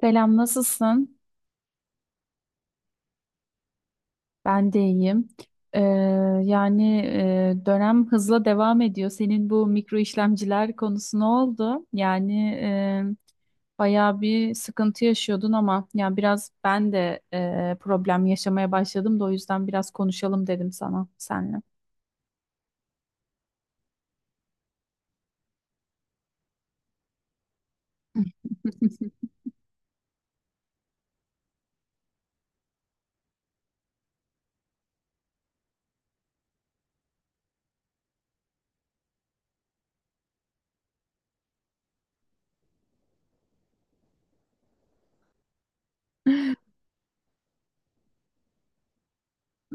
Selam, nasılsın? Ben de iyiyim. Ee, yani dönem hızla devam ediyor. Senin bu mikro işlemciler konusu ne oldu? Yani bayağı bir sıkıntı yaşıyordun ama yani biraz ben de problem yaşamaya başladım da o yüzden biraz konuşalım dedim sana senle.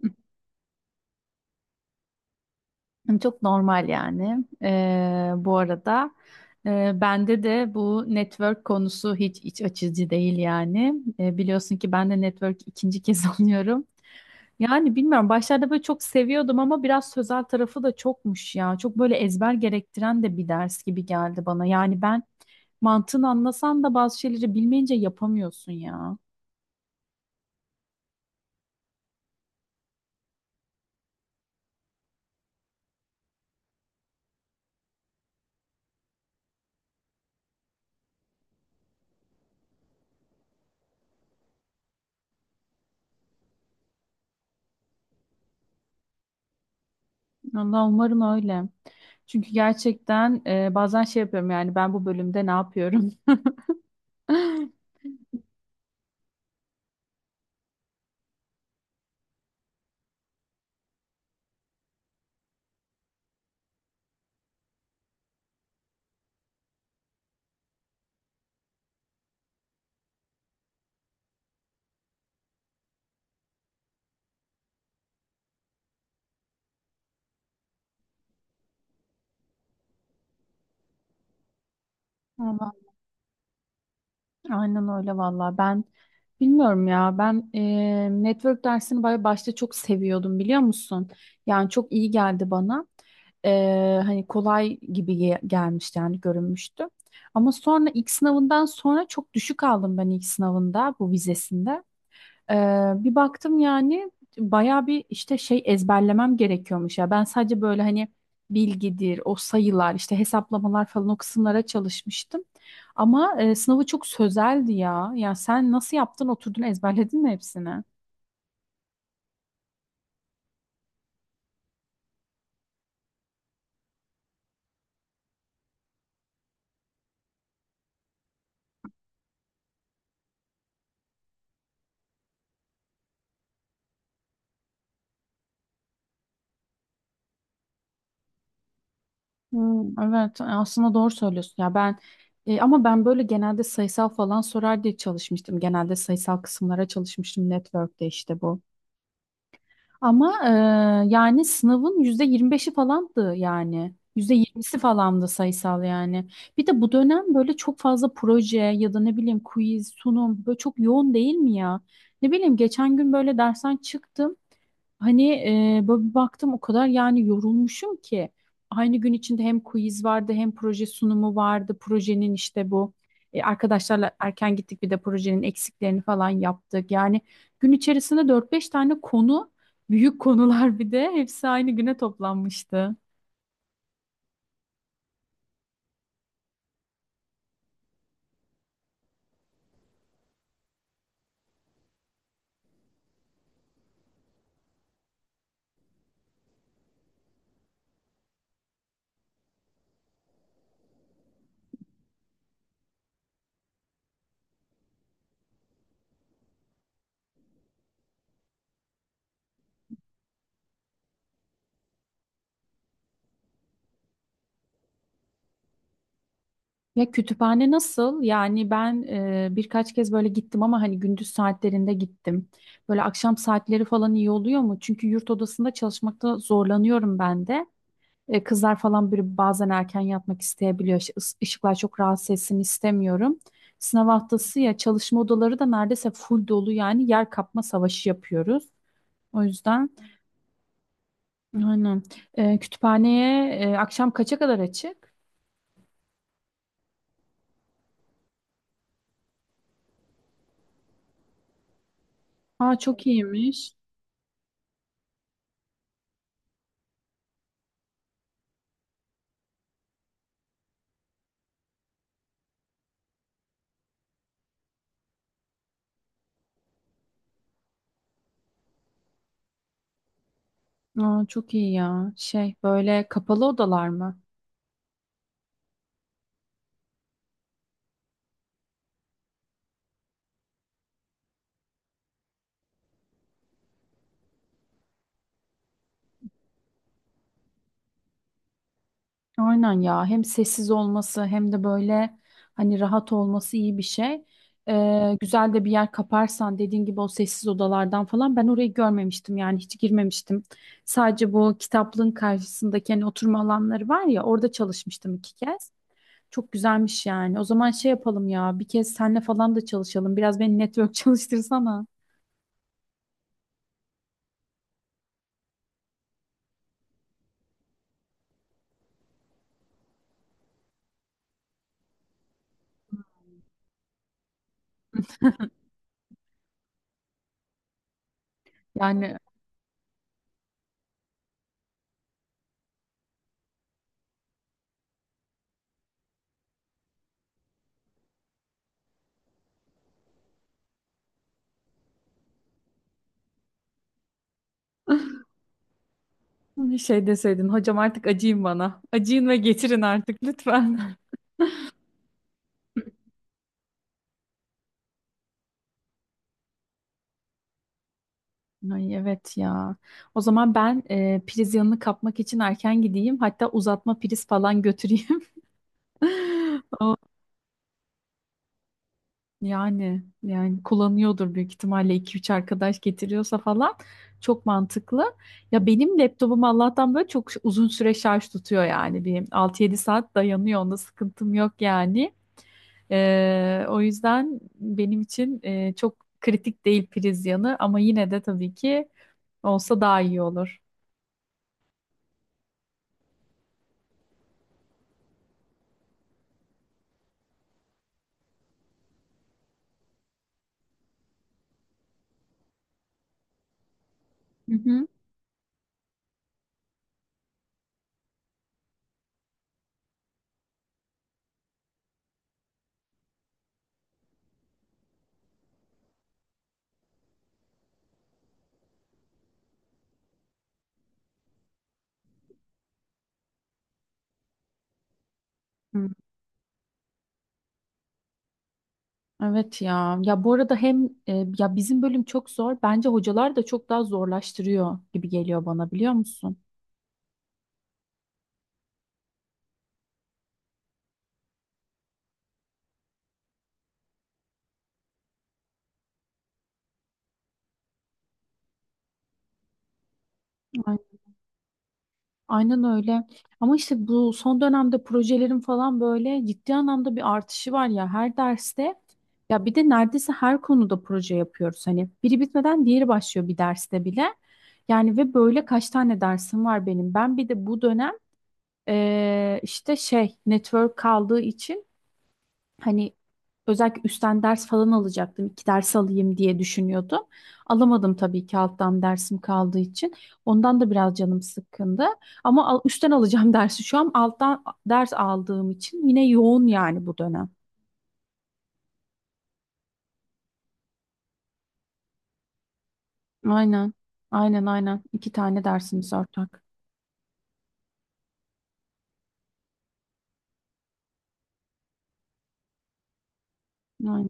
Çok normal yani. Bu arada bende de bu network konusu hiç iç açıcı değil yani. Biliyorsun ki ben de network ikinci kez alıyorum. Yani bilmiyorum başlarda böyle çok seviyordum ama biraz sözel tarafı da çokmuş ya. Çok böyle ezber gerektiren de bir ders gibi geldi bana. Yani ben mantığını anlasan da bazı şeyleri bilmeyince yapamıyorsun ya. Allah umarım öyle. Çünkü gerçekten bazen şey yapıyorum yani ben bu bölümde ne yapıyorum? Vallahi. Aynen öyle valla. Ben bilmiyorum ya. Ben network dersini böyle başta çok seviyordum biliyor musun? Yani çok iyi geldi bana. E, hani kolay gibi gelmişti yani görünmüştü. Ama sonra ilk sınavından sonra çok düşük aldım ben ilk sınavında bu vizesinde. Bir baktım yani bayağı bir işte şey ezberlemem gerekiyormuş ya. Ben sadece böyle hani bilgidir, o sayılar, işte hesaplamalar falan o kısımlara çalışmıştım. Ama sınavı çok sözeldi ya. Ya sen nasıl yaptın? Oturdun ezberledin mi hepsini? Hmm, evet aslında doğru söylüyorsun ya ama ben böyle genelde sayısal falan sorar diye çalışmıştım. Genelde sayısal kısımlara çalışmıştım network'te işte bu. Ama yani sınavın yüzde yirmi beşi falandı yani. %20'si falandı sayısal yani. Bir de bu dönem böyle çok fazla proje ya da ne bileyim quiz, sunum böyle çok yoğun değil mi ya? Ne bileyim geçen gün böyle dersten çıktım. Hani böyle bir baktım o kadar yani yorulmuşum ki. Aynı gün içinde hem quiz vardı hem proje sunumu vardı. Projenin işte bu arkadaşlarla erken gittik bir de projenin eksiklerini falan yaptık. Yani gün içerisinde dört beş tane konu. Büyük konular, bir de hepsi aynı güne toplanmıştı. Ya kütüphane nasıl? Yani ben birkaç kez böyle gittim ama hani gündüz saatlerinde gittim. Böyle akşam saatleri falan iyi oluyor mu? Çünkü yurt odasında çalışmakta zorlanıyorum ben de. Kızlar falan bir bazen erken yatmak isteyebiliyor. Işıklar çok rahatsız etsin istemiyorum. Sınav haftası ya çalışma odaları da neredeyse full dolu yani yer kapma savaşı yapıyoruz. O yüzden aynen. Kütüphaneye akşam kaça kadar açık? Aa çok iyiymiş. Aa çok iyi ya. Şey böyle kapalı odalar mı? Aynen ya. Hem sessiz olması hem de böyle hani rahat olması iyi bir şey. Güzel de bir yer kaparsan dediğin gibi o sessiz odalardan falan ben orayı görmemiştim yani hiç girmemiştim. Sadece bu kitaplığın karşısındaki hani oturma alanları var ya orada çalışmıştım iki kez. Çok güzelmiş yani. O zaman şey yapalım ya bir kez senle falan da çalışalım. Biraz beni network çalıştırsana. Yani. Bir şey deseydin hocam artık acıyın bana. Acıyın ve getirin artık lütfen. Ay evet ya. O zaman ben priz yanını kapmak için erken gideyim. Hatta uzatma priz falan götüreyim. O, yani kullanıyordur büyük ihtimalle iki üç arkadaş getiriyorsa falan. Çok mantıklı. Ya benim laptopum Allah'tan böyle çok uzun süre şarj tutuyor yani. Bir 6-7 saat dayanıyor. Onda sıkıntım yok yani. O yüzden benim için çok kritik değil priz yanı ama yine de tabii ki olsa daha iyi olur. Hı hı. Hı, evet ya. Ya bu arada hem ya bizim bölüm çok zor. Bence hocalar da çok daha zorlaştırıyor gibi geliyor bana biliyor musun? Aynen öyle. Ama işte bu son dönemde projelerin falan böyle ciddi anlamda bir artışı var ya her derste. Ya bir de neredeyse her konuda proje yapıyoruz. Hani biri bitmeden diğeri başlıyor bir derste bile. Yani ve böyle kaç tane dersim var benim. Ben bir de bu dönem işte şey network kaldığı için. Hani özellikle üstten ders falan alacaktım. İki ders alayım diye düşünüyordum. Alamadım tabii ki alttan dersim kaldığı için. Ondan da biraz canım sıkkındı. Ama üstten alacağım dersi şu an alttan ders aldığım için yine yoğun yani bu dönem. Aynen. Aynen, aynen. İki tane dersimiz ortak. Aynen,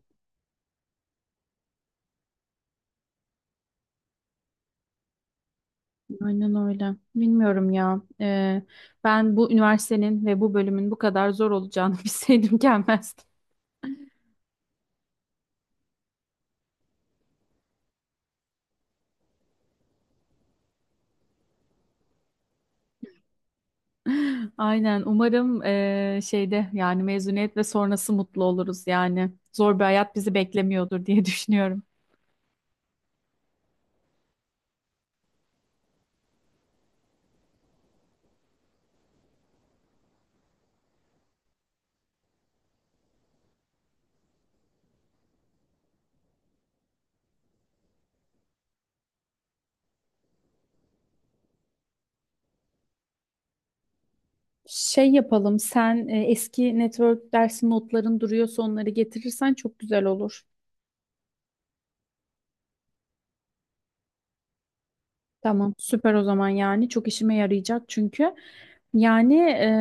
aynen öyle. Bilmiyorum ya. Ben bu üniversitenin ve bu bölümün bu kadar zor olacağını bilseydim gelmezdim. Aynen. Umarım şeyde yani mezuniyet ve sonrası mutlu oluruz yani. Zor bir hayat bizi beklemiyordur diye düşünüyorum. Şey yapalım, sen eski network dersi notların duruyorsa onları getirirsen çok güzel olur. Tamam, süper o zaman yani çok işime yarayacak çünkü yani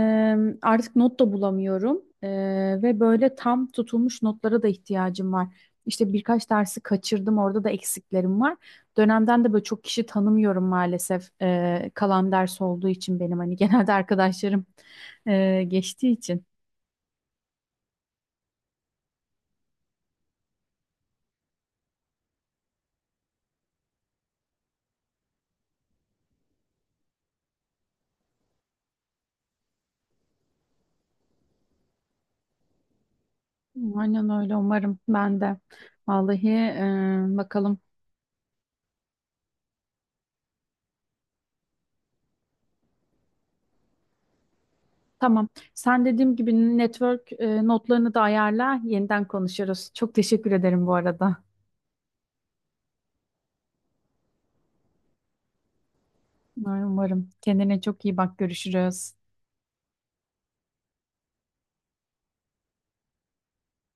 artık not da bulamıyorum. Ve böyle tam tutulmuş notlara da ihtiyacım var. İşte birkaç dersi kaçırdım orada da eksiklerim var. Dönemden de böyle çok kişi tanımıyorum maalesef. Kalan ders olduğu için benim hani genelde arkadaşlarım geçtiği için. Aynen öyle umarım ben de. Vallahi bakalım. Tamam. Sen dediğim gibi network notlarını da ayarla. Yeniden konuşuruz. Çok teşekkür ederim bu arada. Umarım. Kendine çok iyi bak. Görüşürüz.